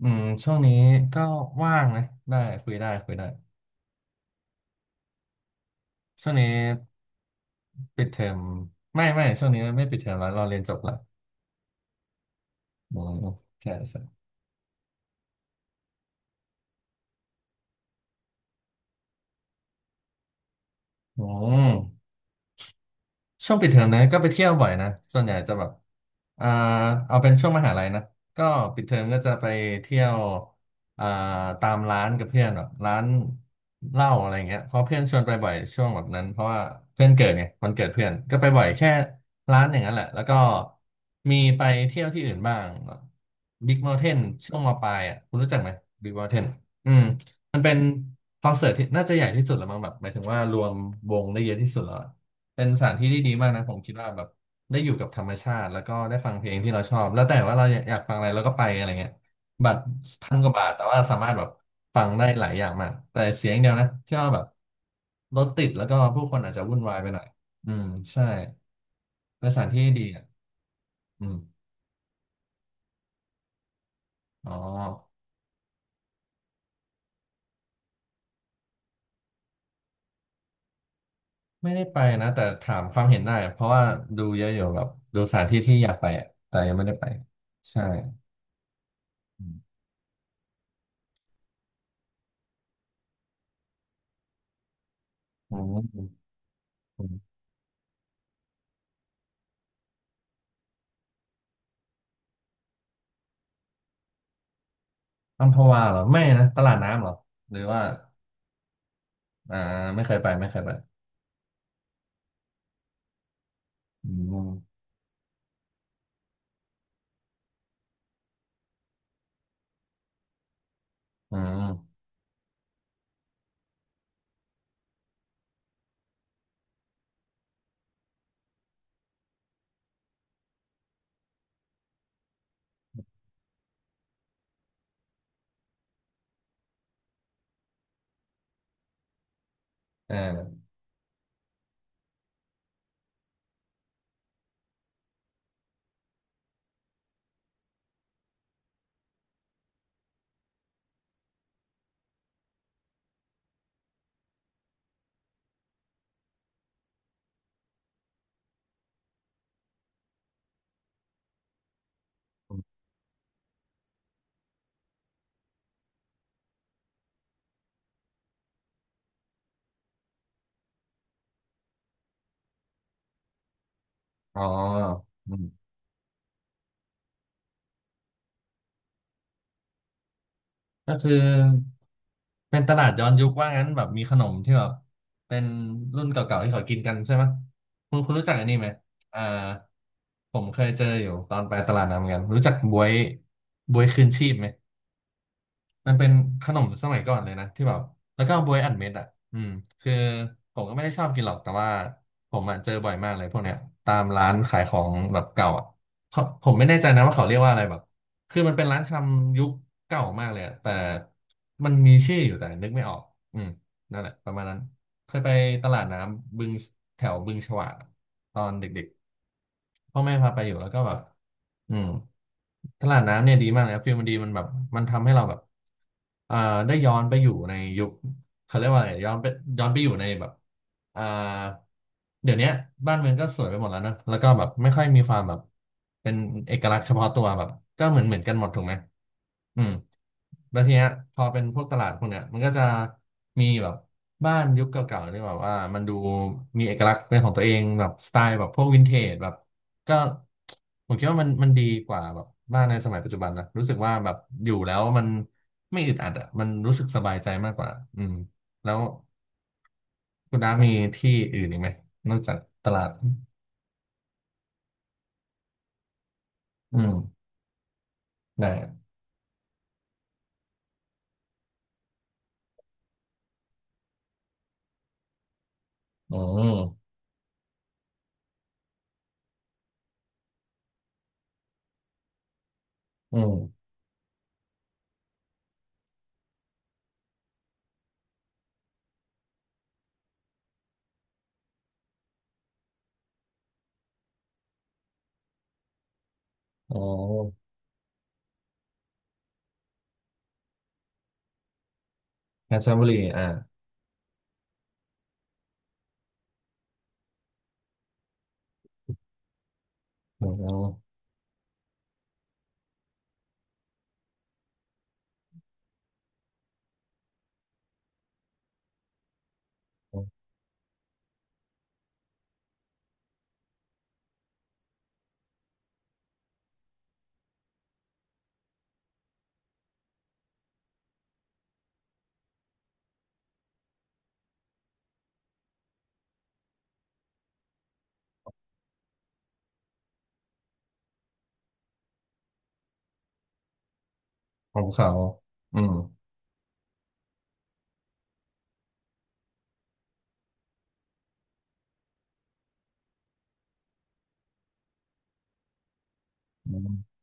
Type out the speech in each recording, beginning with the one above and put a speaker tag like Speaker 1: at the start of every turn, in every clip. Speaker 1: อืมช่วงนี้ก็ว่างนะได้คุยได้คุยได้ช่วงนี้ปิดเทอมไม่ช่วงนี้ไม่ปิดเทอมแล้วเราเรียนจบละอืมใช่ใช่อืม ช่วงปิดเทอมนะก็ไปเที่ยวบ่อยนะส่วนใหญ่จะแบบอ่าเอาเป็นช่วงมหาลัยนะก็ปิดเทอมก็จะไปเที่ยวอ่าตามร้านกับเพื่อนแบบร้านเหล้าอะไรเงี้ยเพราะเพื่อนชวนไปบ่อยช่วงแบบนั้นเพราะว่าเพื่อนเกิดไงวันเกิดเพื่อนก็ไปบ่อยแค่ร้านอย่างนั้นแหละแล้วก็มีไปเที่ยวที่อื่นบ้างบิ๊กเมาน์เทนช่วงมปลายอ่ะคุณรู้จักไหมบิ๊กเมาน์เทนอืมมันเป็นคอนเสิร์ตที่น่าจะใหญ่ที่สุดแล้วมั้งแบบหมายถึงว่ารวมวงได้เยอะที่สุดแล้ว เป็นสถานที่ที่ดีมากนะผมคิดว่าแบบได้อยู่กับธรรมชาติแล้วก็ได้ฟังเพลงที่เราชอบแล้วแต่ว่าเราอยากฟังอะไรเราก็ไปอะไรเงี้ยบัตรพันกว่าบาทแต่ว่าสามารถแบบฟังได้หลายอย่างมากแต่เสียงเดียวนะที่ว่าแบบรถติดแล้วก็ผู้คนอาจจะวุ่นวายไปหน่อยอืมใช่เป็นสถานที่ที่ดีอ่ะอืมอ๋อไม่ได้ไปนะแต่ถามความเห็นได้เพราะว่าดูเยอะอยู่แบบดูสถานที่ที่อยากไปอะแต่ยังไม่ได้ไปใช่อืมอืม อัมพวาเหรอไม่นะตลาดน้ำเหรอหรือว่าอ่าไม่เคยไปไม่เคยไปอืมอืมเอออ๋ออืมก็คือเป็นตลาดย้อนยุคว่างั้นแบบมีขนมที่แบบเป็นรุ่นเก่าๆที่เขากินกันใช่ไหมคุณรู้จักอันนี้ไหมอ่าผมเคยเจออยู่ตอนไปตลาดน้ำเหมือนกันรู้จักบวยบวยคืนชีพไหม มันเป็นขนมสมัยก่อนเลยนะที่แบบแล้วก็บวยอัดเม็ดอ่ะอืมคือผมก็ไม่ได้ชอบกินหรอกแต่ว่าผมอ่ะเจอบ่อยมากเลยพวกเนี้ยตามร้านขายของแบบเก่าอ่ะเขาผมไม่แน่ใจนะว่าเขาเรียกว่าอะไรแบบคือมันเป็นร้านชำยุคเก่ามากเลยอะแต่มันมีชื่ออยู่แต่นึกไม่ออกอืมนั่นแหละประมาณนั้นเคยไปตลาดน้ำบึงแถวบึงฉวากตอนเด็กๆพ่อแม่พาไปอยู่แล้วก็แบบ อืมตลาดน้ำเนี่ยดีมากเลยครับฟิลมันดีมันแบบมันทำให้เราแบบเอ่อได้ย้อนไปอยู่ในยุคเขาเรียกว่าอะไรย้อนไปย้อนไปอยู่ในแบบอ่าเดี๋ยวเนี้ยบ้านเมืองก็สวยไปหมดแล้วนะแล้วก็แบบไม่ค่อยมีความแบบเป็นเอกลักษณ์เฉพาะตัวแบบก็เหมือนเหมือนกันหมดถูกไหมอืม แล้วทีเนี้ยพอเป็นพวกตลาดพวกเนี้ยมันก็จะมีแบบบ้านยุคเก่าๆที่แบบว่ามันดูมีเอกลักษณ์เป็นของตัวเองแบบสไตล์แบบพวกวินเทจแบบก็ผมคิดว่ามันดีกว่าแบบบ้านในสมัยปัจจุบันนะรู้สึกว่าแบบอยู่แล้วมันไม่อึดอัดอ่ะมันรู้สึกสบายใจมากกว่าอืมแล้วคุณน้ามีที่อื่นอีกไหมนอกจากตลาดอืมได้อืมอืมอ๋อเพชรบุรีอ่าอืมของเขาอืม อืม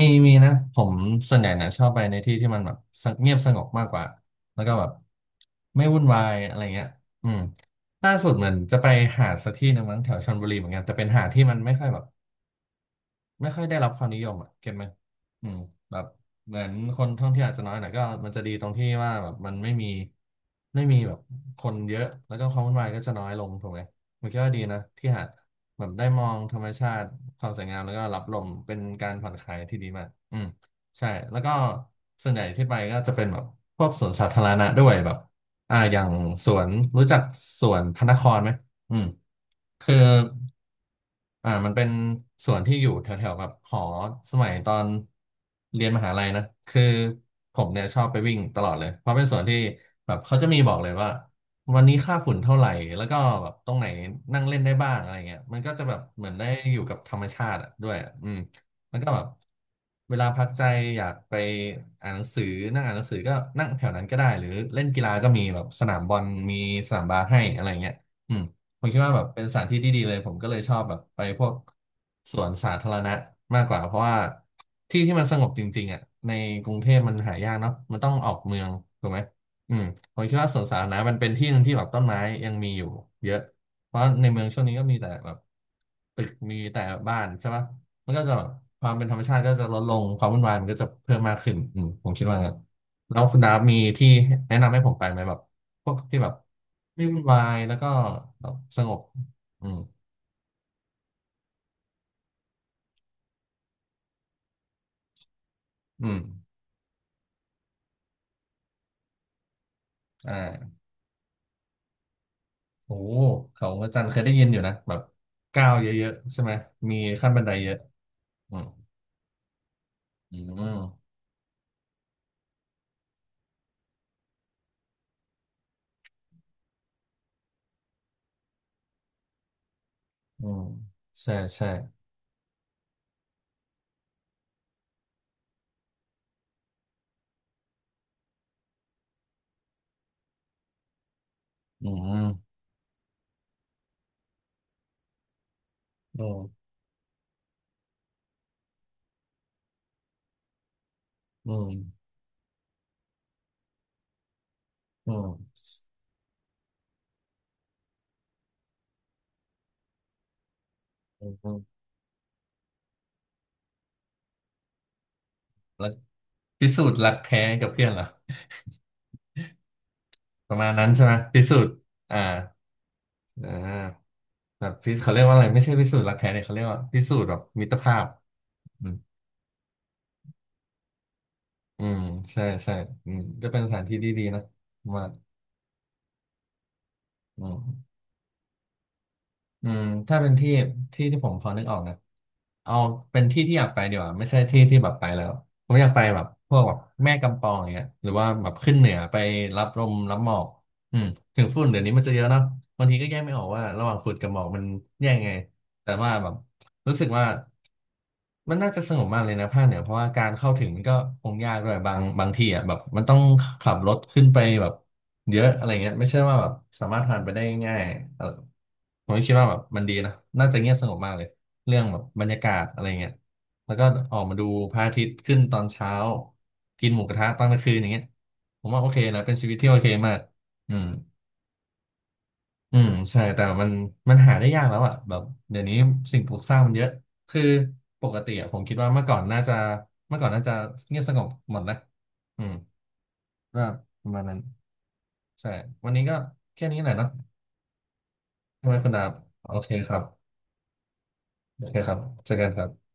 Speaker 1: มีมีนะผมส่วนใหญ่เนี่ยชอบไปในที่ที่มันแบบสงเงียบสงบมากกว่าแล้วก็แบบไม่วุ่นวายอะไรเงี้ยอืมล่าสุดเหมือนจะไปหาดสักที่หนึ่งมั้งแถวชลบุรีเหมือนกันแต่เป็นหาดที่มันไม่ค่อยแบบ ไม่ค่อยได้รับความนิยมอ่ะเก็ตไหมอืมแบบเหมือนคนท่องเที่ยวอาจจะน้อยหน่อยก็มันจะดีตรงที่ว่าแบบมันไม่มีไม่มีแบบคนเยอะแล้วก็ความวุ่นวายก็จะน้อยลงถูกไหมผมคิดว่าดีนะที่หาดแบบได้มองธรรมชาติความสวยงามแล้วก็รับลมเป็นการผ่อนคลายที่ดีมากอืมใช่แล้วก็ส่วนใหญ่ที่ไปก็จะเป็นแบบพวกสวนสาธารณะด้วยแบบอย่างสวนรู้จักสวนพระนครไหมอืม คือมันเป็นสวนที่อยู่แถวๆกับหอสมัยตอนเรียนมหาลัยนะคือผมเนี่ยชอบไปวิ่งตลอดเลยเพราะเป็นสวนที่แบบเขาจะมีบอกเลยว่าวันนี้ค่าฝุ่นเท่าไหร่แล้วก็แบบตรงไหนนั่งเล่นได้บ้างอะไรเงี้ยมันก็จะแบบเหมือนได้อยู่กับธรรมชาติอะด้วยอะอืมแล้วก็แบบเวลาพักใจอยากไปอ่านหนังสือนั่งอ่านหนังสือก็นั่งแถวนั้นก็ได้หรือเล่นกีฬาก็มีแบบสนามบอลมีสนามบาสให้อะไรเงี้ย ผมคิดว่าแบบเป็นสถานที่ที่ดีเลยผมก็เลยชอบแบบไปพวกสวนสาธารณะมากกว่าเพราะว่าที่ที่มันสงบจริงๆอ่ะในกรุงเทพมันหายากเนาะมันต้องออกเมืองถูกไหมอืมผมคิดว่าสวนสาธารณะมันเป็นที่หนึ่งที่แบบต้นไม้ยังมีอยู่เยอะเพราะในเมืองช่วงนี้ก็มีแต่แบบตึกมีแต่บ้านใช่ปะมันก็จะแบบความเป็นธรรมชาติก็จะลดลงความวุ่นวายมันก็จะเพิ่มมากขึ้นอืมผมคิดว่างั้นแล้วคุณดาฟมีที่แนะนำให้ผมไปไหมแบบ พวกที่แบบไม่วุ่นวายแล้วก็แบบสงบอืมอืมอ่าโอ้เขาพระจันทร์เคยได้ยินอยู่นะแบบก้าวเยอะๆใช่ไหมมีขั้นบันไดเยอะอืมอืมอืมใช่ใช่อืมอืมอืมอืมอืมอืมแล้วพิสูจน์รักแท้กับเพื่อนเหรอ ประมาณนั้นใช่ไหมพิสูจน์อ่าอ่าแบบเขาเรียกว่าอะไรไม่ใช่พิสูจน์รักแท้เนี่ยเขาเรียกว่าพิสูจน์แบบมิตรภาพ อืมใช่ใช่อืมก็เป็นสถานที่ที่ดีนะผมว่าอืมอืมถ้าเป็นที่ที่ที่ผมพอนึกออกนะเอาเป็นที่ที่อยากไปดีกว่าไม่ใช่ที่ที่แบบไปแล้วผมอยากไปแบบพวกแบบแม่กำปองอย่างเงี้ยหรือว่าแบบขึ้นเหนือไปรับลมรับหมอกอืมถึงฝุ่นเดี๋ยวนี้มันจะเยอะเนาะบางทีก็แยกไม่ออกว่าระหว่างฝุ่นกับหมอกมันแยกไงแต่ว่าแบบ รู้สึกว่ามันน่าจะสงบมากเลยนะภาคเหนือเพราะว่าการเข้าถึงมันก็คงยากด้วยบางทีอ่ะแบบมันต้องขับรถขึ้นไปแบบเยอะอะไรเงี้ยไม่ใช่ว่าแบบสามารถผ่านไปได้ง่ายเออผมก็คิดว่าแบบมันดีนะน่าจะเงียบสงบมากเลยเรื่องแบบบรรยากาศอะไรเงี้ยแล้วก็ออกมาดูพระอาทิตย์ขึ้นตอนเช้ากินหมูกระทะตอนกลางคืนอย่างเงี้ยผมว่าโอเคนะเป็นชีวิตที่โอเคมากอืม อืมใช่แต่มันหาได้ยากแล้วอ่ะแบบเดี๋ยวนี้สิ่งปลูกสร้างมันเยอะคือปกติอะผมคิดว่าเมื่อก่อนน่าจะเมื่อก่อนน่าจะเงียบสงบหมดนะอืมก็ประมาณนั้นใช่วันนี้ก็แค่นี้แหละเนาะทำไมคุณดาบโอเคครับโอเคครับเจอกันครับ